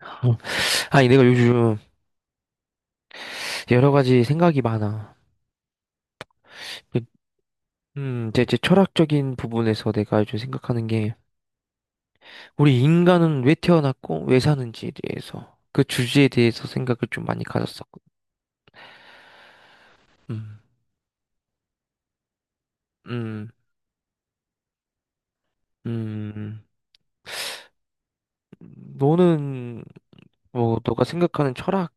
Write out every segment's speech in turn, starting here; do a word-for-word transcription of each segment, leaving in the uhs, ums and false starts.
어, 아니, 내가 요즘 여러 가지 생각이 많아. 그, 음, 제 제 철학적인 부분에서 내가 요즘 생각하는 게, 우리 인간은 왜 태어났고, 왜 사는지에 대해서, 그 주제에 대해서 생각을 좀 많이 가졌었거든. 음, 음, 음. 너는, 뭐, 너가 생각하는 철학,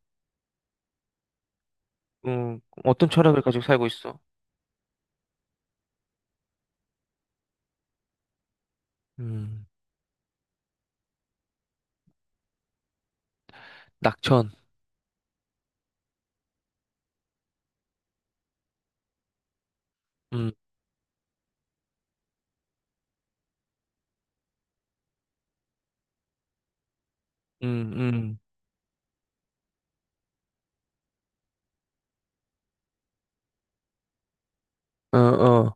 음, 어떤 철학을 가지고 살고 있어? 음, 낙천. 음, 음, 음, 어, 어,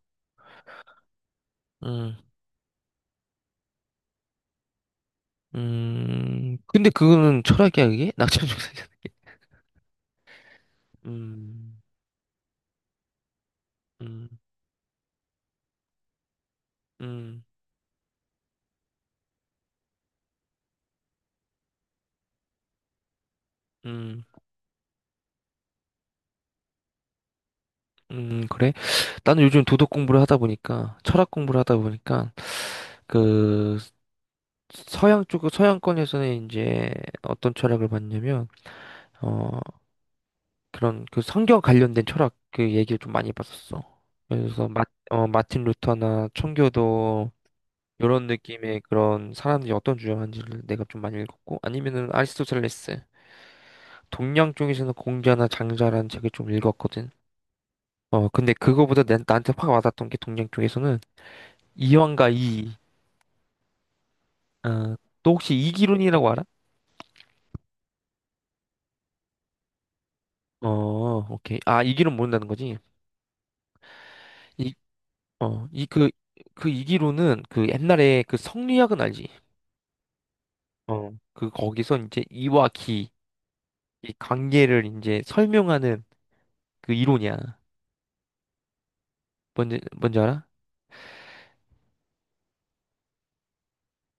음, 음. 근데 그거는 철학이야, 그게? 낙천 중생이잖아. 음. 음, 음, 음, 음, 그래? 나는 요즘 도덕 공부를 하다 보니까, 철학 공부를 하다 보니까, 그, 서양 쪽, 서양권에서는 이제 어떤 철학을 봤냐면, 어, 그런 그 성경 관련된 철학 그 얘기를 좀 많이 봤었어. 그래서 마, 어, 마틴 루터나 청교도, 요런 느낌의 그런 사람들이 어떤 주장하는지를 내가 좀 많이 읽었고, 아니면은 아리스토텔레스, 동양 쪽에서는 공자나 장자라는 책을 좀 읽었거든. 어, 근데 그거보다 난, 나한테 확 와닿던 게 동양 쪽에서는 이완과 이, 어, 또 혹시 이기론이라고 알아? 어, 오케이. 아, 이기론 모른다는 거지? 이, 어, 이, 그, 그 이기론은 그 옛날에 그 성리학은 알지? 어, 그 거기서 이제 이와 기, 이 관계를 이제 설명하는 그 이론이야. 뭔지, 뭔지 알아?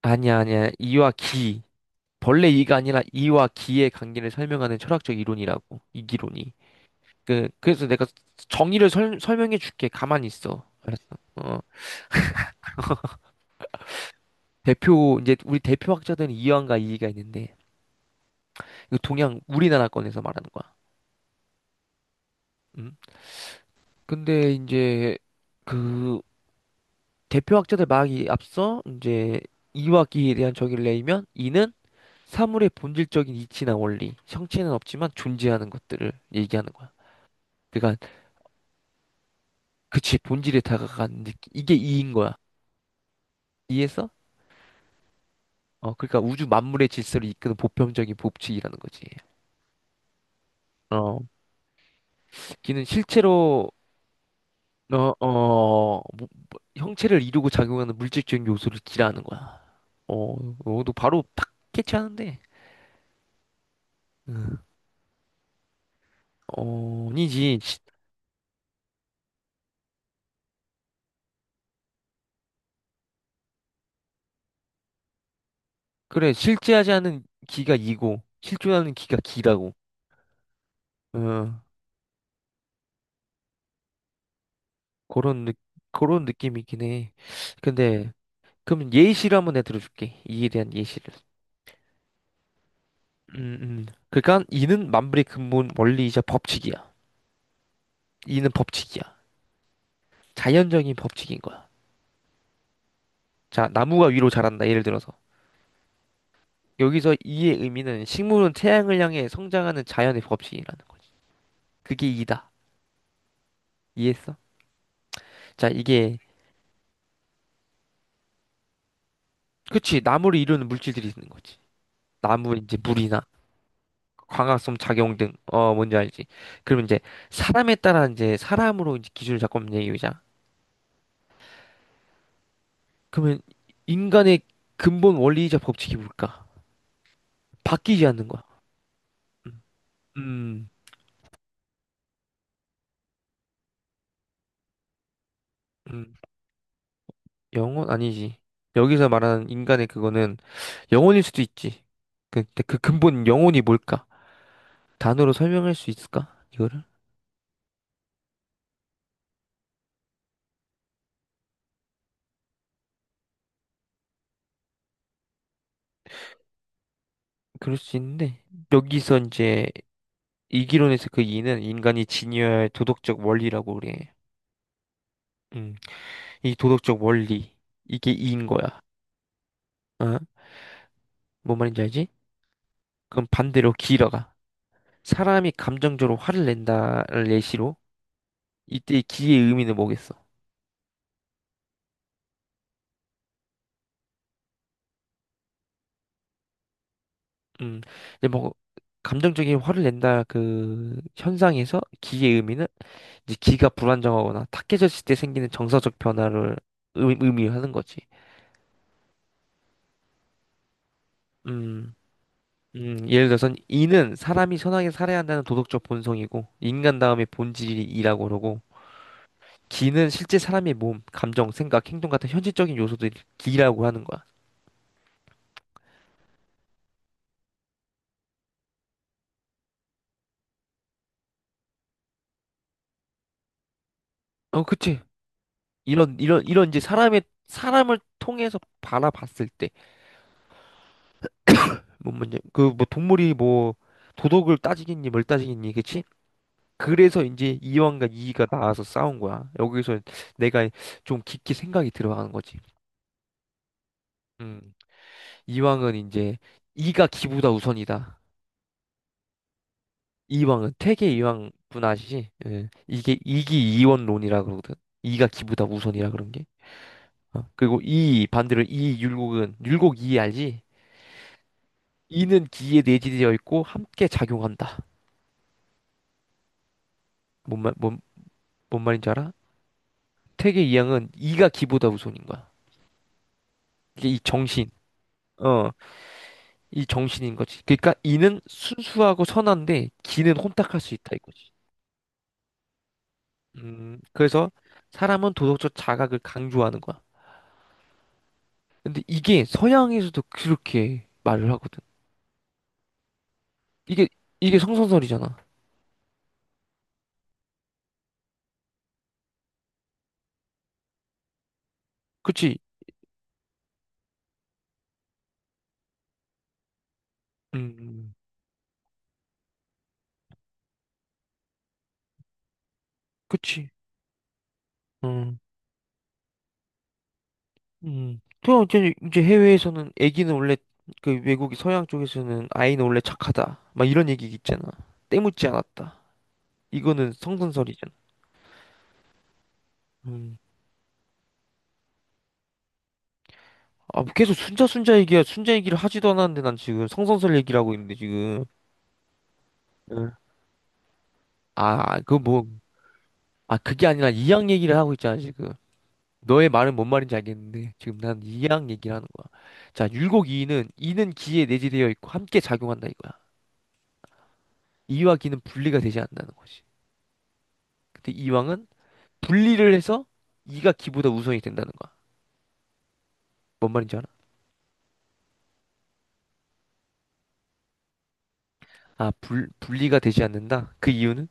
아니야, 아니야. 이와 기. 벌레 이가 아니라 이와 기의 관계를 설명하는 철학적 이론이라고. 이기론이. 그, 그래서 내가 정의를 설, 설명해 줄게. 가만히 있어. 어, 대표, 이제 우리 대표 학자들은 이완과 이의가 있는데, 이거 동양, 우리나라 건에서 말하는 거야. 음? 근데 이제, 그, 대표 학자들 말하기 앞서, 이제, 이와 기에 대한 정의를 내리면, 이는 사물의 본질적인 이치나 원리, 형체는 없지만 존재하는 것들을 얘기하는 거야. 그러니까, 그치, 본질에 다가간 느낌. 이게 이인 거야. 이에서? 어, 그러니까 우주 만물의 질서를 이끄는 보편적인 법칙이라는 거지. 어, 기는 실제로 어, 어, 뭐- 뭐- 형체를 이루고 작용하는 물질적인 요소를 기라는 거야. 어, 어, 너 바로 딱 캐치하는데. 응. 어, 아니지. 시- 그래, 실제하지 않은 기가 이고, 실존하는 기가 기라고. 어, 그런, 느, 그런 느낌이긴 해. 근데, 그럼 예시를 한번 내가 들어줄게. 이에 대한 예시를. 음, 음. 그러니까 이는 만물의 근본 원리이자 법칙이야. 이는 법칙이야. 자연적인 법칙인 거야. 자, 나무가 위로 자란다. 예를 들어서. 여기서 이의 의미는 식물은 태양을 향해 성장하는 자연의 법칙이라는 거지. 그게 이다. 이해했어? 자, 이게 그치. 나무를 이루는 물질들이 있는 거지. 나무 이제 물이나 광학성 작용 등. 어, 뭔지 알지? 그러면 이제 사람에 따라 이제 사람으로 이제 기준을 잡고 한번 얘기해 보자. 그러면 인간의 근본 원리이자 법칙이 뭘까? 바뀌지 않는 거야. 음. 음. 음. 영혼 아니지. 여기서 말하는 인간의 그거는 영혼일 수도 있지. 그, 근데 그 근본 영혼이 뭘까? 단어로 설명할 수 있을까? 이거를? 그럴 수 있는데 여기서 이제 이기론에서 그 이는 인간이 지녀야 할 도덕적 원리라고 그래. 음, 이 도덕적 원리 이게 이인 거야. 어? 뭔 말인지 알지? 그럼 반대로 기라가 사람이 감정적으로 화를 낸다를 예시로 이때 의 기의 의미는 뭐겠어? 음, 근데 뭐, 감정적인 화를 낸다 그 현상에서 기의 의미는 이제 기가 불안정하거나 탁해졌을 때 생기는 정서적 변화를 의- 의미하는 거지. 음, 음, 예를 들어서 이는 사람이 선하게 살아야 한다는 도덕적 본성이고 인간 다음의 본질이 이라고 그러고 기는 실제 사람의 몸, 감정, 생각, 행동 같은 현실적인 요소들이 기라고 하는 거야. 어, 그치. 이런 이런 이런 이제 사람의 사람을 통해서 바라봤을 때. 뭐 뭐냐 그뭐 동물이 뭐 도덕을 따지겠니 뭘 따지겠니 그치? 그래서 이제 이왕과 이의가 나와서 싸운 거야. 여기서 내가 좀 깊게 생각이 들어가는 거지. 음, 이왕은 이제 이가 기보다 우선이다. 이왕은 태계 이왕 분 아시지? 예, 이게 이기이원론이라 그러거든. 이가 기보다 우선이라 그런 게. 어, 그리고 이 반대로 이 율곡은 율곡 이 알지? 이는 기에 내재되어 있고 함께 작용한다. 뭔 말, 뭔, 뭔 말인지 알아? 퇴계 이항은 이가 기보다 우선인 거야. 이게 이 정신, 어, 이 정신인 거지. 그러니까 이는 순수하고 선한데 기는 혼탁할 수 있다 이거지. 음, 그래서 사람은 도덕적 자각을 강조하는 거야. 근데 이게 서양에서도 그렇게 말을 하거든. 이게 이게 성선설이잖아. 그치? 음, 그치? 음, 음. 그럼 이제 이제 해외에서는 애기는 원래 그 외국이 서양 쪽에서는 아이는 원래 착하다. 막 이런 얘기 있잖아. 때묻지 않았다. 이거는 성선설이잖아. 음. 아, 뭐 계속 순자 순자 얘기야. 순자 얘기를 하지도 않았는데 난 지금 성선설 얘기를 하고 있는데 지금. 응. 아, 그 뭐, 아, 그게 아니라 이양 얘기를 하고 있잖아, 지금. 너의 말은 뭔 말인지 알겠는데, 지금 난 이양 얘기를 하는 거야. 자, 율곡 이는, 이는 기에 내재되어 있고 함께 작용한다 이거야. 이와 기는 분리가 되지 않는다는 거지. 근데 이왕은 분리를 해서 이가 기보다 우선이 된다는 거야. 뭔 말인지 알아? 아, 불, 분리가 되지 않는다? 그 이유는?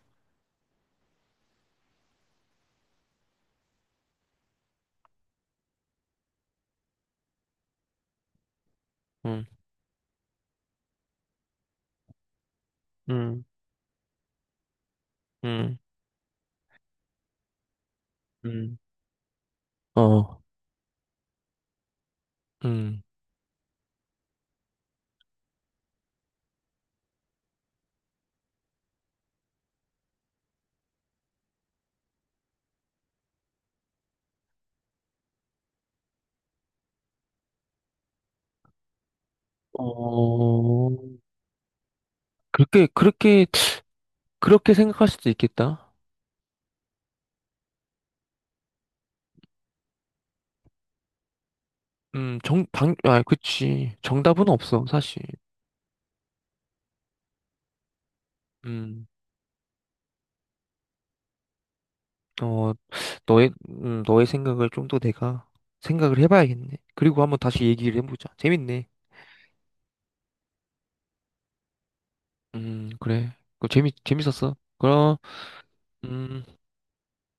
음, 음. 음. 음. 어, 음, 어, 그렇게, 그렇게, 그렇게 생각할 수도 있겠다. 음, 정, 방, 아, 그치. 정답은 없어, 사실. 음, 어, 너의, 음, 너의 생각을 좀 더 내가 생각을 해봐야겠네. 그리고 한번 다시 얘기를 해보자. 재밌네. 음, 그래. 그 재미, 재밌었어. 그럼, 음.